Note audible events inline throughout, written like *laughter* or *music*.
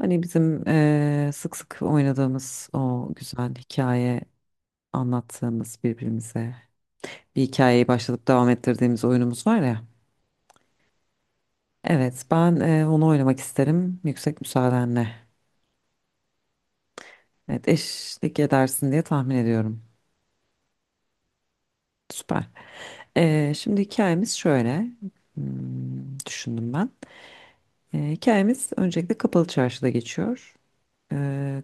Hani bizim sık sık oynadığımız o güzel hikaye anlattığımız birbirimize bir hikayeyi başlatıp devam ettirdiğimiz oyunumuz var ya. Evet ben onu oynamak isterim yüksek müsaadenle. Evet eşlik edersin diye tahmin ediyorum. Süper. Şimdi hikayemiz şöyle. Düşündüm ben. Hikayemiz öncelikle Kapalı Çarşı'da geçiyor. Eee,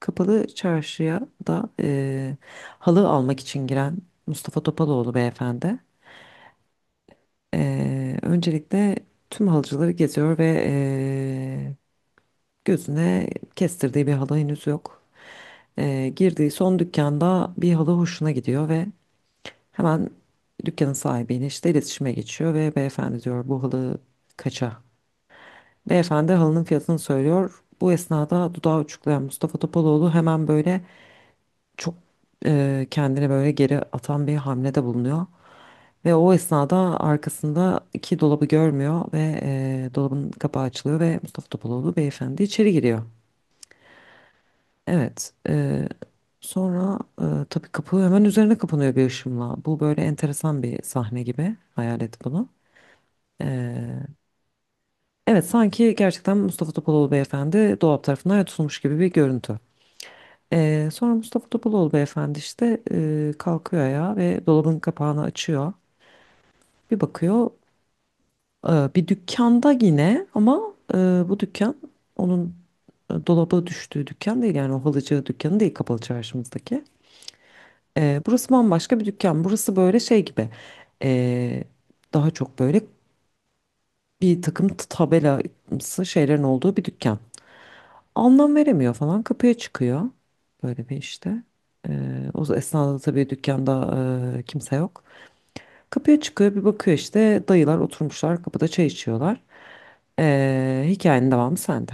Kapalı Çarşı'ya da halı almak için giren Mustafa Topaloğlu beyefendi. Öncelikle tüm halıcıları geziyor ve gözüne kestirdiği bir halı henüz yok. Girdiği son dükkanda bir halı hoşuna gidiyor ve hemen dükkanın sahibiyle işte iletişime geçiyor ve beyefendi diyor bu halı kaça? Beyefendi halının fiyatını söylüyor. Bu esnada dudağı uçuklayan Mustafa Topaloğlu hemen böyle çok kendini böyle geri atan bir hamlede bulunuyor. Ve o esnada arkasındaki dolabı görmüyor ve dolabın kapağı açılıyor ve Mustafa Topaloğlu beyefendi içeri giriyor. Evet. Sonra tabii kapı hemen üzerine kapanıyor bir ışımla. Bu böyle enteresan bir sahne gibi. Hayal et bunu. Eee, evet sanki gerçekten Mustafa Topaloğlu beyefendi dolap tarafından tutulmuş gibi bir görüntü. Sonra Mustafa Topaloğlu beyefendi işte kalkıyor ayağa ve dolabın kapağını açıyor. Bir bakıyor. Bir dükkanda yine ama bu dükkan onun dolaba düştüğü dükkan değil yani o halıcı dükkanı değil kapalı çarşımızdaki. Burası bambaşka bir dükkan. Burası böyle şey gibi, e, daha çok böyle bir takım tabelası şeylerin olduğu bir dükkan. Anlam veremiyor falan, kapıya çıkıyor böyle bir işte. O esnada tabii dükkanda kimse yok. Kapıya çıkıyor, bir bakıyor işte dayılar oturmuşlar kapıda çay içiyorlar. Hikayenin devamı sende.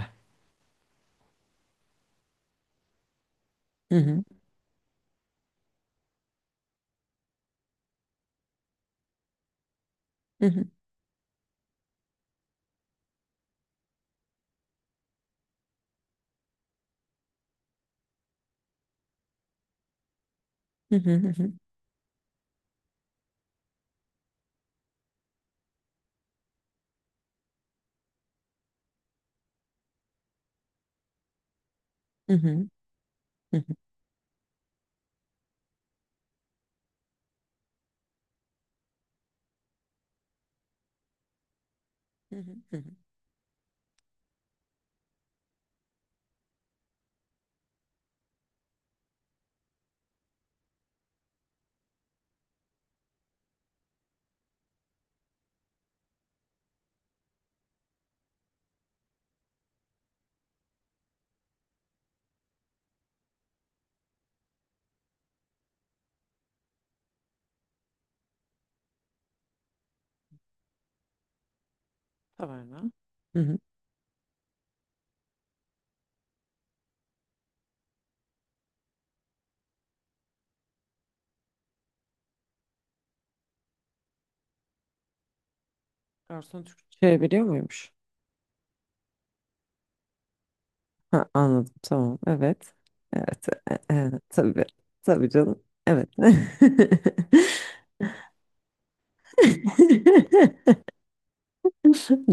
Hı hı. Hı hı. Hı hı. Hı hı. Hı hı. Hı hı. Hı hı. Hı hı. Taverna. Hı hı. Garson Türkçe biliyor muymuş? Ha, anladım. Tamam. Evet. Evet. Evet. Tabii. Tabii canım. Evet. *laughs*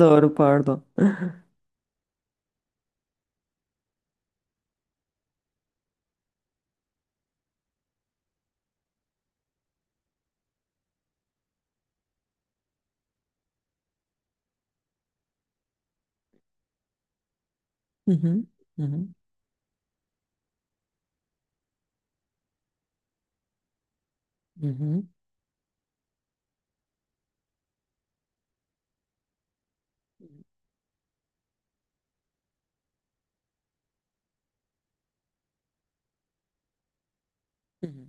Doğru, pardon. Hı hı. Hı hı. Hı hı. Hı hı.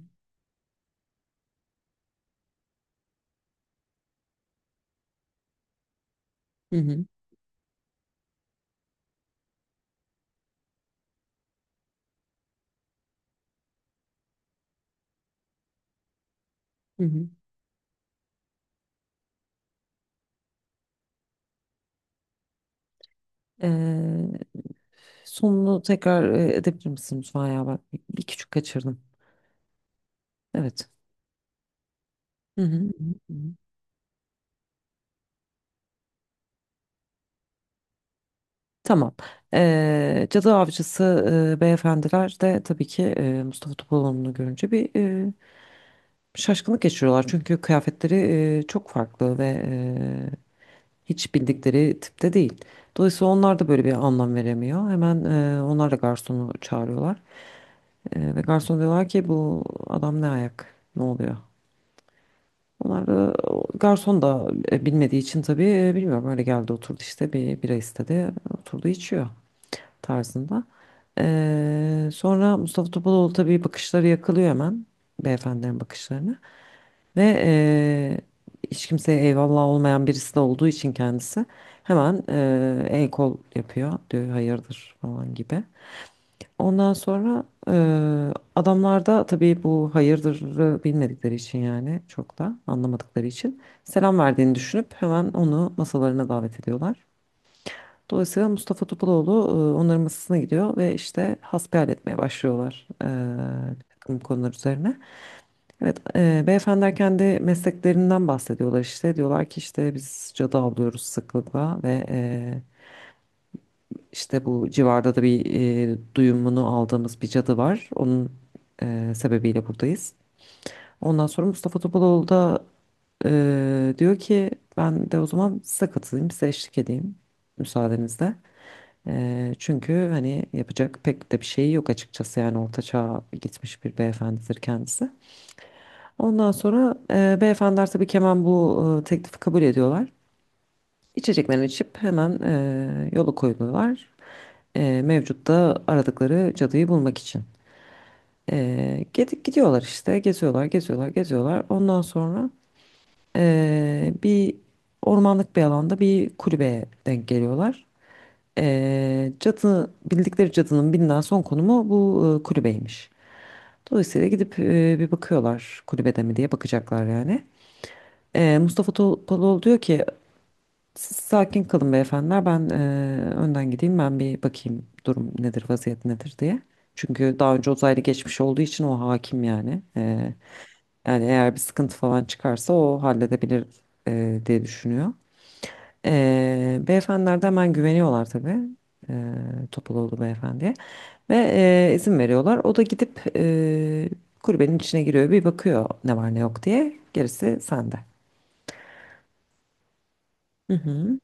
Hı hı. Hı hı. Ee, Sonunu tekrar edebilir misin lütfen ya? Ben bir küçük kaçırdım. Evet. Hı hı. Hı hı. Tamam. Cadı Avcısı beyefendiler de tabii ki Mustafa Topaloğlu'nu görünce bir şaşkınlık geçiriyorlar. Çünkü kıyafetleri çok farklı ve hiç bildikleri tipte değil. Dolayısıyla onlar da böyle bir anlam veremiyor. Hemen onlar da garsonu çağırıyorlar. Ve garson diyorlar ki, bu adam ne ayak? Ne oluyor? Onlar da, o garson da bilmediği için tabii, bilmiyorum, öyle geldi oturdu işte bir bira istedi oturdu içiyor tarzında. Sonra Mustafa Topaloğlu tabii bakışları yakılıyor hemen beyefendilerin bakışlarını ve hiç kimseye eyvallah olmayan birisi de olduğu için kendisi hemen el kol yapıyor diyor hayırdır falan gibi. Ondan sonra adamlar da tabii bu hayırdırı bilmedikleri için yani çok da anlamadıkları için selam verdiğini düşünüp hemen onu masalarına davet ediyorlar. Dolayısıyla Mustafa Topaloğlu onların masasına gidiyor ve işte hasbihal etmeye başlıyorlar bir takım konular üzerine. Evet, beyefendiler kendi mesleklerinden bahsediyorlar işte. Diyorlar ki işte biz cadı avlıyoruz sıklıkla ve işte bu civarda da bir duyumunu aldığımız bir cadı var. Onun sebebiyle buradayız. Ondan sonra Mustafa Topaloğlu da diyor ki ben de o zaman size katılayım, size eşlik edeyim müsaadenizle. Çünkü hani yapacak pek de bir şeyi yok açıkçası, yani orta çağa gitmiş bir beyefendidir kendisi. Ondan sonra beyefendiler tabii ki hemen bu teklifi kabul ediyorlar. İçeceklerini içip hemen yola koyuluyorlar. Mevcut da aradıkları cadıyı bulmak için. Gidip gidiyorlar işte, geziyorlar geziyorlar geziyorlar. Ondan sonra bir ormanlık bir alanda bir kulübeye denk geliyorlar. Cadı, bildikleri cadının bilinen son konumu bu kulübeymiş. Dolayısıyla gidip bir bakıyorlar kulübede mi diye, bakacaklar yani. Mustafa Topaloğlu diyor ki siz sakin kalın beyefendiler, ben önden gideyim, ben bir bakayım durum nedir vaziyet nedir diye. Çünkü daha önce uzaylı geçmiş olduğu için o hakim yani. Yani eğer bir sıkıntı falan çıkarsa o halledebilir diye düşünüyor. Beyefendiler de hemen güveniyorlar tabii. Eee Topaloğlu beyefendiye. Ve izin veriyorlar. O da gidip kulübenin içine giriyor. Bir bakıyor ne var ne yok diye. Gerisi sende. Hı hı.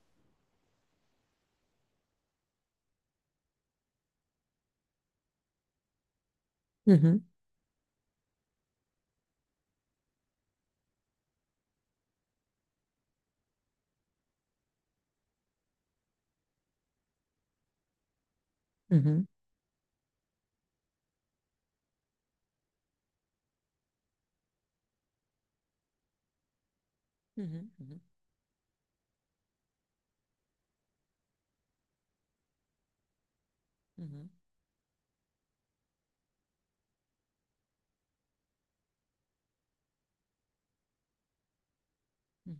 Hı hı. Hı hı. Hı hı. Hı hı. Hı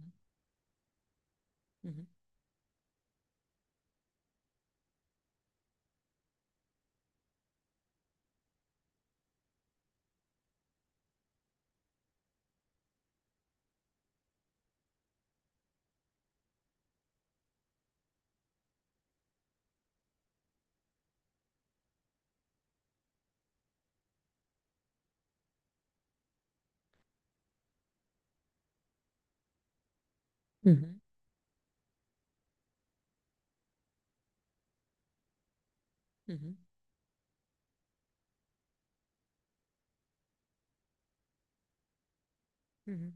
hı. Hı hı. Hı hı. Hı hı. Hı hı.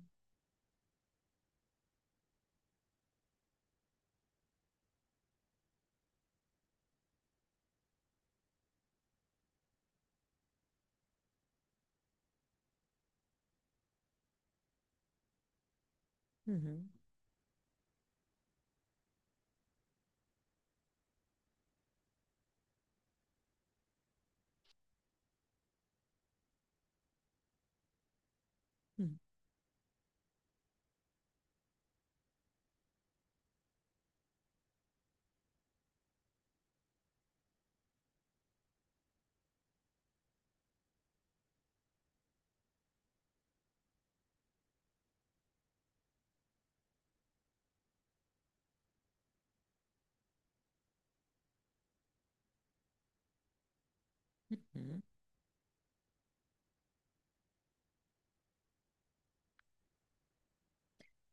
Hı hı. Hı hı.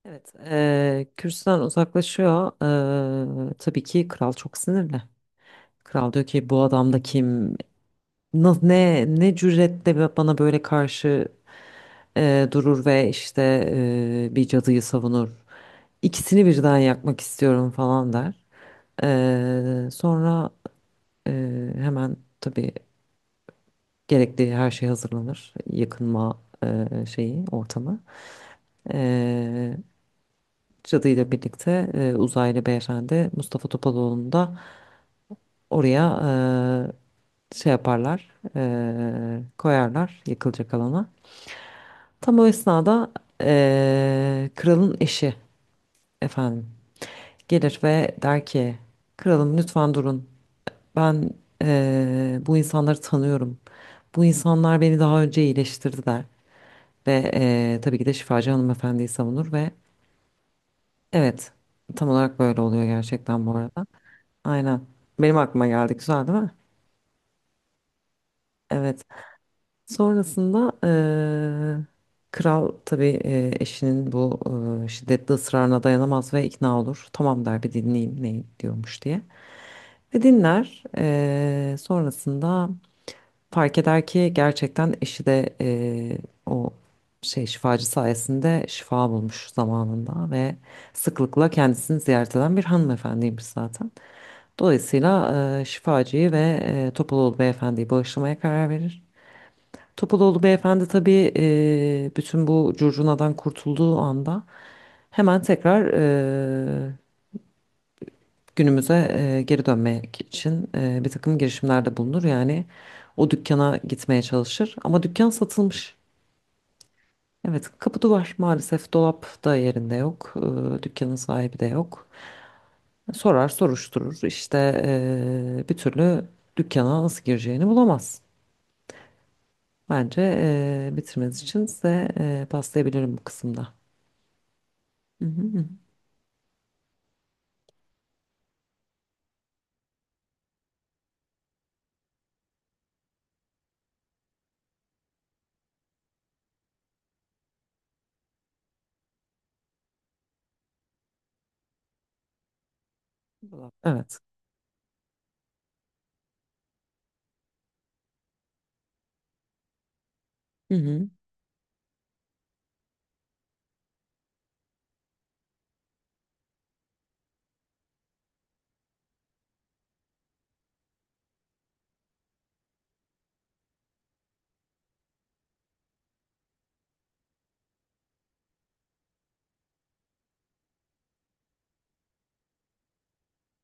Evet, kürsüden uzaklaşıyor. Tabii ki kral çok sinirli. Kral diyor ki bu adam da kim? Ne cüretle bana böyle karşı durur ve işte bir cadıyı savunur. İkisini birden yakmak istiyorum falan der. Sonra e, hemen tabii gerekli her şey hazırlanır. Yakınma şeyi, ortamı. Ee, Cadıyla birlikte uzaylı beyefendi Mustafa Topaloğlu'nu da oraya şey yaparlar, koyarlar yakılacak alana. Tam o esnada kralın eşi efendim gelir ve der ki kralım, lütfen durun. Ben bu insanları tanıyorum. Bu insanlar beni daha önce iyileştirdiler. Ve tabii ki de şifacı hanımefendiyi savunur ve evet, tam olarak böyle oluyor gerçekten bu arada. Aynen. Benim aklıma geldi. Güzel değil mi? Evet. Sonrasında kral tabii eşinin bu şiddetli ısrarına dayanamaz ve ikna olur. Tamam der, bir dinleyeyim ne diyormuş diye. Ve dinler. Sonrasında fark eder ki gerçekten eşi de o şey şifacı sayesinde şifa bulmuş zamanında ve sıklıkla kendisini ziyaret eden bir hanımefendiymiş zaten. Dolayısıyla şifacıyı ve Topaloğlu beyefendiyi bağışlamaya karar verir. Topaloğlu beyefendi tabii bütün bu curcunadan kurtulduğu anda hemen tekrar e, günümüze geri dönmek için bir takım girişimlerde bulunur. Yani o dükkana gitmeye çalışır ama dükkan satılmış. Evet, kapı duvar maalesef, dolap da yerinde yok. Dükkanın sahibi de yok. Sorar, soruşturur. İşte bir türlü dükkana nasıl gireceğini bulamaz. Bence bitirmeniz için size paslayabilirim bu kısımda. Hı hı, hı. Dolap, evet. Hı hı.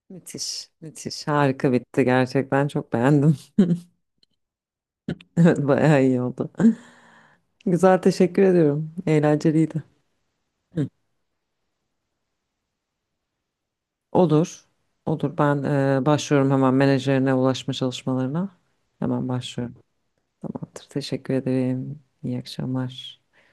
Müthiş, müthiş. Harika bitti, gerçekten çok beğendim. *laughs* Evet, bayağı iyi oldu. Güzel, teşekkür ediyorum. Eğlenceliydi. Olur. Olur. Ben başlıyorum hemen menajerine ulaşma çalışmalarına. Hemen başlıyorum. Tamamdır. Teşekkür ederim. İyi akşamlar.